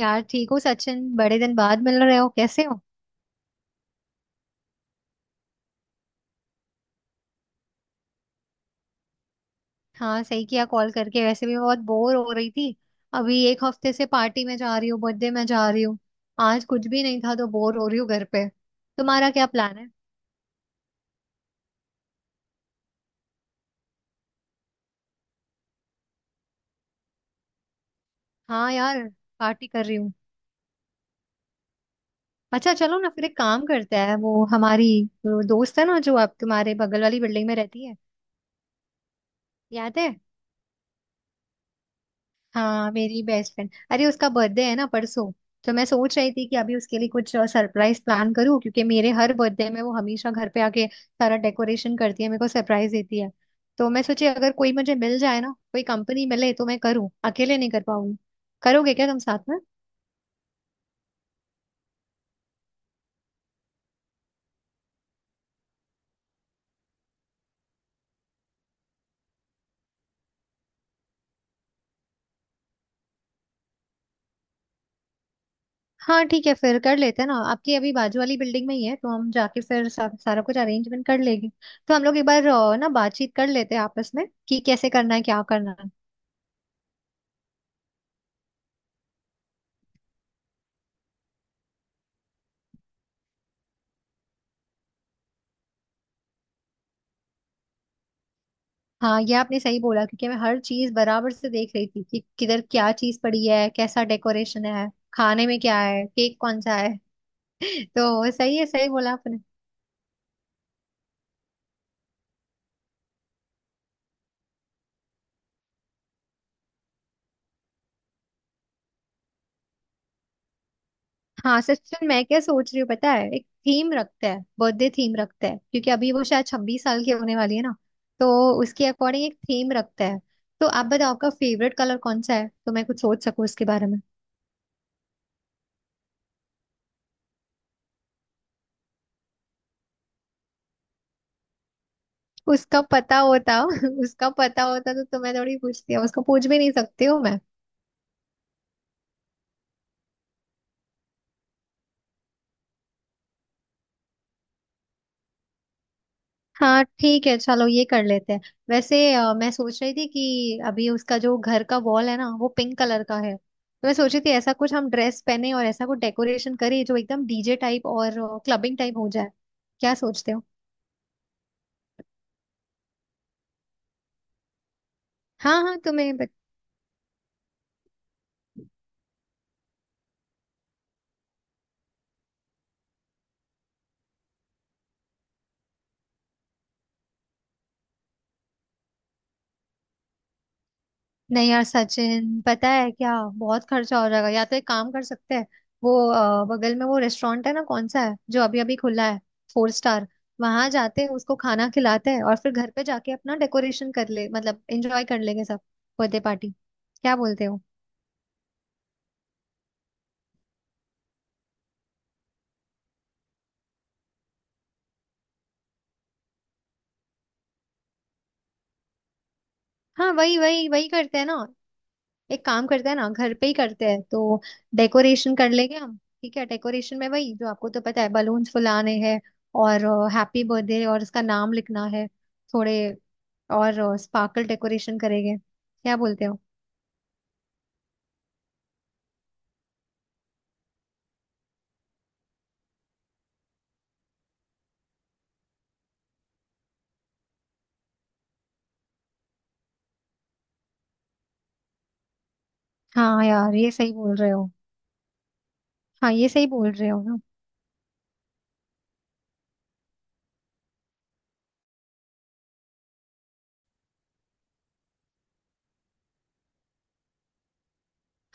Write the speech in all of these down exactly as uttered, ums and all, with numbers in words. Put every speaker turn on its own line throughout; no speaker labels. यार ठीक हो सचिन, बड़े दिन बाद मिल रहे हो, कैसे हो। हाँ, सही किया कॉल करके, वैसे भी मैं बहुत बोर हो रही थी। अभी एक हफ्ते से पार्टी में जा रही हूँ, बर्थडे में जा रही हूँ। आज कुछ भी नहीं था तो बोर हो रही हूँ घर पे। तुम्हारा क्या प्लान है। हाँ यार, पार्टी कर रही हूँ। अच्छा, चलो ना फिर, एक काम करते हैं, वो हमारी, वो दोस्त है ना, जो आप तुम्हारे बगल वाली बिल्डिंग में रहती है। याद है। हाँ, मेरी बेस्ट फ्रेंड, अरे उसका बर्थडे है ना परसों। तो मैं सोच रही थी कि अभी उसके लिए कुछ सरप्राइज प्लान करूँ, क्योंकि मेरे हर बर्थडे में वो हमेशा घर पे आके सारा डेकोरेशन करती है, मेरे को सरप्राइज देती है। तो मैं सोची, अगर कोई मुझे मिल जाए ना, कोई कंपनी मिले तो मैं करूँ, अकेले नहीं कर पाऊंगी। करोगे क्या तुम साथ में। हाँ ठीक है, फिर कर लेते हैं ना। आपकी अभी बाजू वाली बिल्डिंग में ही है, तो हम जाके फिर सा, सारा कुछ अरेंजमेंट कर लेंगे। तो हम लोग एक बार अ, ना बातचीत कर लेते हैं आपस में कि कैसे करना है, क्या करना है। हाँ, ये आपने सही बोला, क्योंकि मैं हर चीज बराबर से देख रही थी कि किधर क्या चीज पड़ी है, कैसा डेकोरेशन है, खाने में क्या है, केक कौन सा है। तो सही है, सही बोला आपने। हाँ सचिन, मैं क्या सोच रही हूँ पता है, एक थीम रखते हैं, बर्थडे थीम रखते हैं, क्योंकि अभी वो शायद छब्बीस साल की होने वाली है ना। तो उसके अकॉर्डिंग एक थीम रखते हैं। तो आप बताओ आपका फेवरेट कलर कौन सा है, तो मैं कुछ सोच सकूँ उसके बारे में। उसका पता होता, उसका पता होता तो तुम्हें थोड़ी पूछती है। उसको पूछ भी नहीं सकती हूँ। हाँ ठीक है, चलो ये कर लेते हैं। वैसे अ, मैं सोच रही थी कि अभी उसका जो घर का वॉल है ना, वो पिंक कलर का है, तो मैं सोच रही थी ऐसा कुछ हम ड्रेस पहने और ऐसा कुछ डेकोरेशन करें जो एकदम डीजे टाइप और क्लबिंग टाइप हो जाए। क्या सोचते हो। हाँ हाँ तुम्हें, नहीं यार सचिन, पता है क्या, बहुत खर्चा हो जाएगा। या तो एक काम कर सकते हैं, वो अ, बगल में वो रेस्टोरेंट है ना, कौन सा है जो अभी अभी खुला है, फोर स्टार। वहां जाते हैं, उसको खाना खिलाते हैं और फिर घर पे जाके अपना डेकोरेशन कर ले, मतलब एंजॉय कर लेंगे सब, बर्थडे पार्टी। क्या बोलते हो। हाँ, वही वही वही करते हैं ना। एक काम करते हैं ना, घर पे ही करते हैं तो। डेकोरेशन कर लेंगे हम। ठीक है, डेकोरेशन में वही, जो आपको तो पता है, बलून्स फुलाने हैं और हैप्पी बर्थडे और उसका नाम लिखना है, थोड़े और स्पार्कल डेकोरेशन करेंगे। क्या बोलते हो। हाँ यार, ये सही बोल रहे हो। हाँ, ये सही बोल रहे हो ना।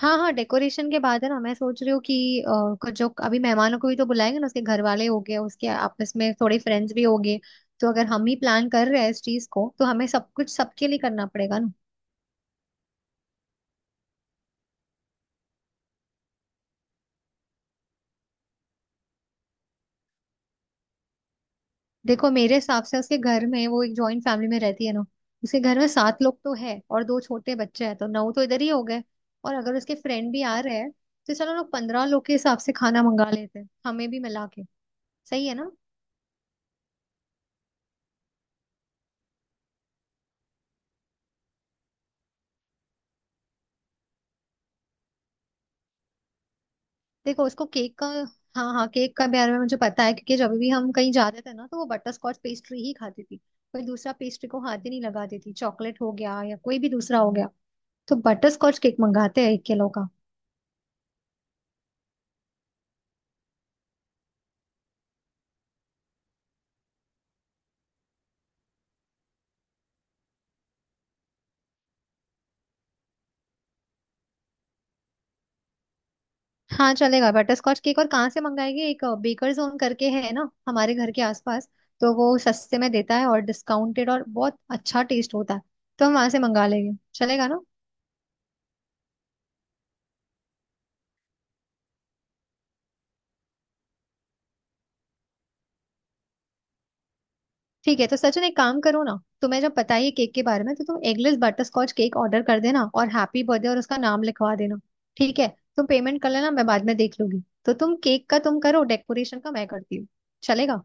हाँ हाँ, डेकोरेशन के बाद है ना, मैं सोच रही हूँ कि अ, कुछ जो अभी, मेहमानों को भी तो बुलाएंगे ना, उसके घर वाले हो गए, उसके आपस में थोड़े फ्रेंड्स भी हो गए। तो अगर हम ही प्लान कर रहे हैं इस चीज को, तो हमें सब कुछ सबके लिए करना पड़ेगा ना। देखो मेरे हिसाब से, उसके घर में, वो एक जॉइंट फैमिली में रहती है ना, उसके घर में सात लोग तो है और दो छोटे बच्चे हैं, तो नौ तो इधर ही हो गए। और अगर उसके फ्रेंड भी आ रहे हैं, तो चलो, लोग पंद्रह लोग के हिसाब से खाना मंगा लेते हैं, हमें भी मिला के। सही है ना। देखो उसको केक का, हाँ हाँ केक का बारे में मुझे पता है, क्योंकि जब भी हम कहीं जाते थे ना, तो वो बटर स्कॉच पेस्ट्री ही खाती थी, कोई दूसरा पेस्ट्री को हाथ ही नहीं लगाती थी, चॉकलेट हो गया या कोई भी दूसरा हो गया। तो बटर स्कॉच केक मंगाते हैं, एक किलो का। हाँ चलेगा, बटरस्कॉच केक, और कहाँ से मंगाएगी, एक बेकर जोन करके है ना हमारे घर के आसपास। तो वो सस्ते में देता है और डिस्काउंटेड, और बहुत अच्छा टेस्ट होता है। तो हम वहां से मंगा लेंगे, चलेगा ना। ठीक है, तो सचिन एक काम करो ना, तुम्हें जब पता ही है केक के बारे में, तो तुम एगलेस बटरस्कॉच केक ऑर्डर कर देना, और हैप्पी बर्थडे और उसका नाम लिखवा देना। ठीक है। तुम पेमेंट कर लेना, मैं बाद में देख लूंगी। तो तुम केक का, तुम करो, डेकोरेशन का मैं करती हूँ। चलेगा।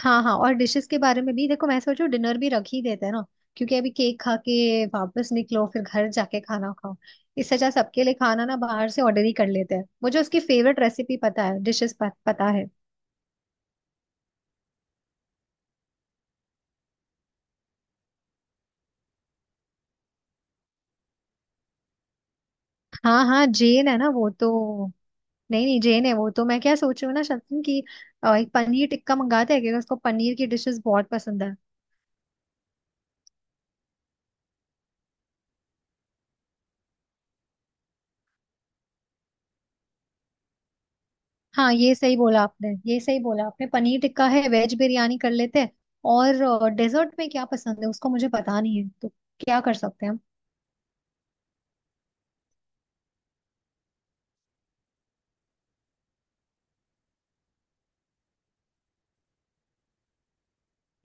हाँ हाँ, और डिशेस के बारे में भी देखो, मैं सोचू डिनर भी रख ही देते हैं ना, क्योंकि अभी केक खा के वापस निकलो, फिर घर जाके खाना खाओ। इससे अच्छा सबके लिए खाना ना बाहर से ऑर्डर ही कर लेते हैं, मुझे उसकी फेवरेट रेसिपी पता है, डिशेस पता है। हाँ हाँ जेन है ना वो तो, नहीं नहीं जेन है वो तो। मैं क्या सोच रही हूँ ना शक्ति, कि अ, एक पनीर टिक्का मंगाते हैं, क्योंकि उसको पनीर की डिशेस बहुत पसंद है। हाँ, ये सही बोला आपने, ये सही बोला आपने। पनीर टिक्का है, वेज बिरयानी कर लेते हैं। और डेजर्ट में क्या पसंद है उसको, मुझे पता नहीं है, तो क्या कर सकते हैं हम।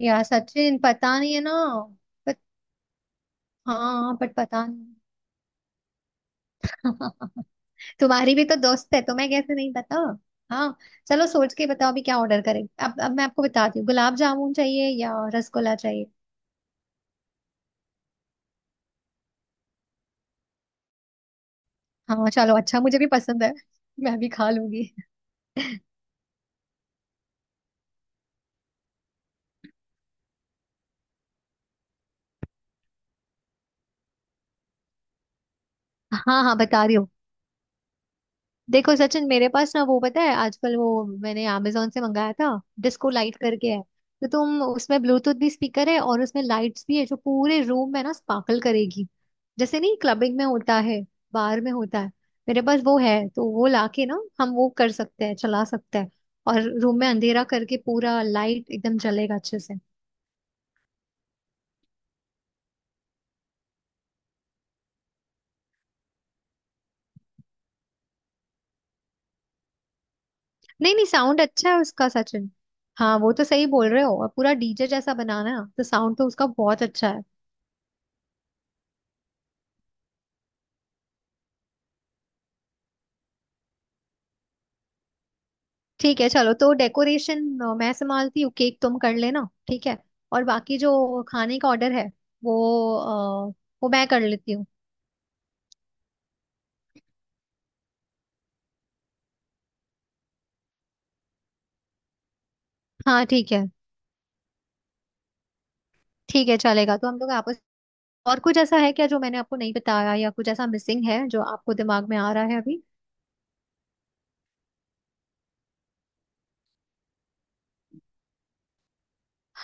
यार सचिन पता नहीं है ना। बट, हाँ बट पता नहीं। तुम्हारी भी तो दोस्त है, तुम्हें कैसे नहीं पता। हाँ, चलो सोच के बताओ अभी क्या ऑर्डर करें। अब अब मैं आपको बताती हूँ, गुलाब जामुन चाहिए या रसगुल्ला चाहिए। हाँ चलो अच्छा, मुझे भी पसंद है, मैं भी खा लूंगी। हाँ हाँ बता रही हूँ। देखो सचिन, मेरे पास ना वो, पता है आजकल वो, मैंने amazon से मंगाया था, डिस्को लाइट करके है। तो तुम उसमें ब्लूटूथ भी स्पीकर है, और उसमें लाइट्स भी है जो पूरे रूम में ना स्पार्कल करेगी, जैसे नहीं क्लबिंग में होता है, बार में होता है। मेरे पास वो है, तो वो लाके ना हम वो कर सकते हैं, चला सकते हैं। और रूम में अंधेरा करके पूरा लाइट एकदम जलेगा अच्छे से। नहीं नहीं, साउंड अच्छा है उसका सचिन। हाँ वो तो सही बोल रहे हो, और पूरा डीजे जैसा बनाना है, तो साउंड तो उसका बहुत अच्छा है। ठीक है चलो, तो डेकोरेशन मैं संभालती हूँ, केक तुम कर लेना। ठीक है। और बाकी जो खाने का ऑर्डर है, वो अ, वो मैं कर लेती हूँ। हाँ ठीक है, ठीक है चलेगा। तो हम लोग आपस, और कुछ ऐसा है क्या जो मैंने आपको नहीं बताया, या कुछ ऐसा मिसिंग है जो आपको दिमाग में आ रहा है अभी।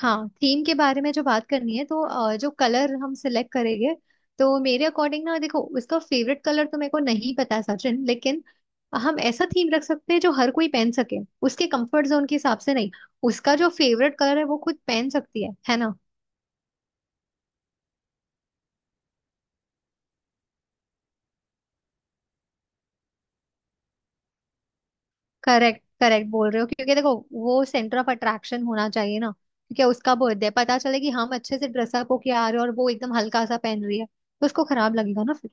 हाँ, थीम के बारे में जो बात करनी है, तो अ, जो कलर हम सिलेक्ट करेंगे, तो मेरे अकॉर्डिंग ना देखो, उसका फेवरेट कलर तो मेरे को नहीं पता सचिन, लेकिन हम ऐसा थीम रख सकते हैं जो हर कोई पहन सके, उसके कंफर्ट जोन के हिसाब से। नहीं, उसका जो फेवरेट कलर है वो खुद पहन सकती है है ना। करेक्ट करेक्ट बोल रहे हो, क्योंकि देखो वो सेंटर ऑफ अट्रैक्शन होना चाहिए ना, क्योंकि उसका बर्थडे, पता चले कि हम अच्छे से ड्रेसअप होके आ रहे हैं और वो एकदम हल्का सा पहन रही है, तो उसको खराब लगेगा ना फिर।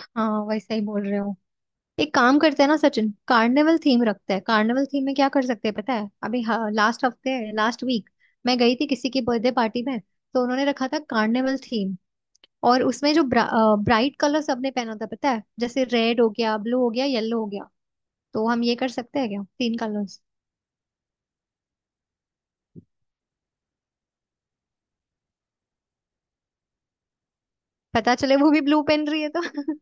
हाँ, वैसा ही बोल रहे हो। एक काम करते हैं ना सचिन, कार्निवल थीम रखते हैं, कार्निवल थीम में क्या कर सकते हैं पता है, अभी लास्ट हफ्ते, लास्ट वीक मैं गई थी किसी की बर्थडे पार्टी में, तो उन्होंने रखा था कार्निवल थीम, और उसमें जो ब्रा, ब्राइट कलर सबने पहना था, पता है, जैसे रेड हो गया, ब्लू हो गया, येलो हो गया। तो हम ये कर सकते हैं क्या, तीन कलर्स। पता चले वो भी ब्लू पहन रही है तो।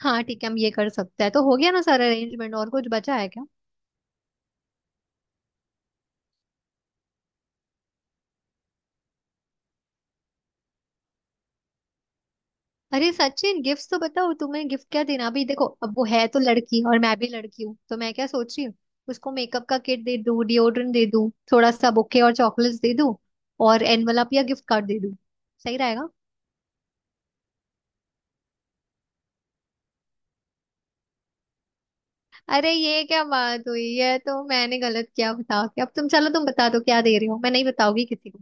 हाँ ठीक है, हम ये कर सकते हैं। तो हो गया ना सारा अरेंजमेंट, और कुछ बचा है क्या। अरे सचिन, गिफ्ट तो बताओ, तुम्हें गिफ्ट क्या देना। अभी देखो, अब वो है तो लड़की और मैं भी लड़की हूँ, तो मैं क्या सोच रही हूँ, उसको मेकअप का किट दे दूँ, डिओड्रेंट दे दूँ, थोड़ा सा बुके और चॉकलेट्स दे दूँ, और एनवलप या गिफ्ट कार्ड दे दूँ। सही रहेगा। अरे ये क्या बात हुई, है तो मैंने गलत किया, बताओ कि अब तुम, चलो तुम बता दो क्या दे रहे हो, मैं नहीं बताऊंगी किसी को।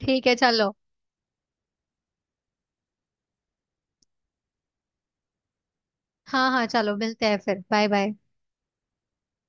ठीक है चलो। हाँ हाँ, चलो मिलते हैं फिर, बाय बाय।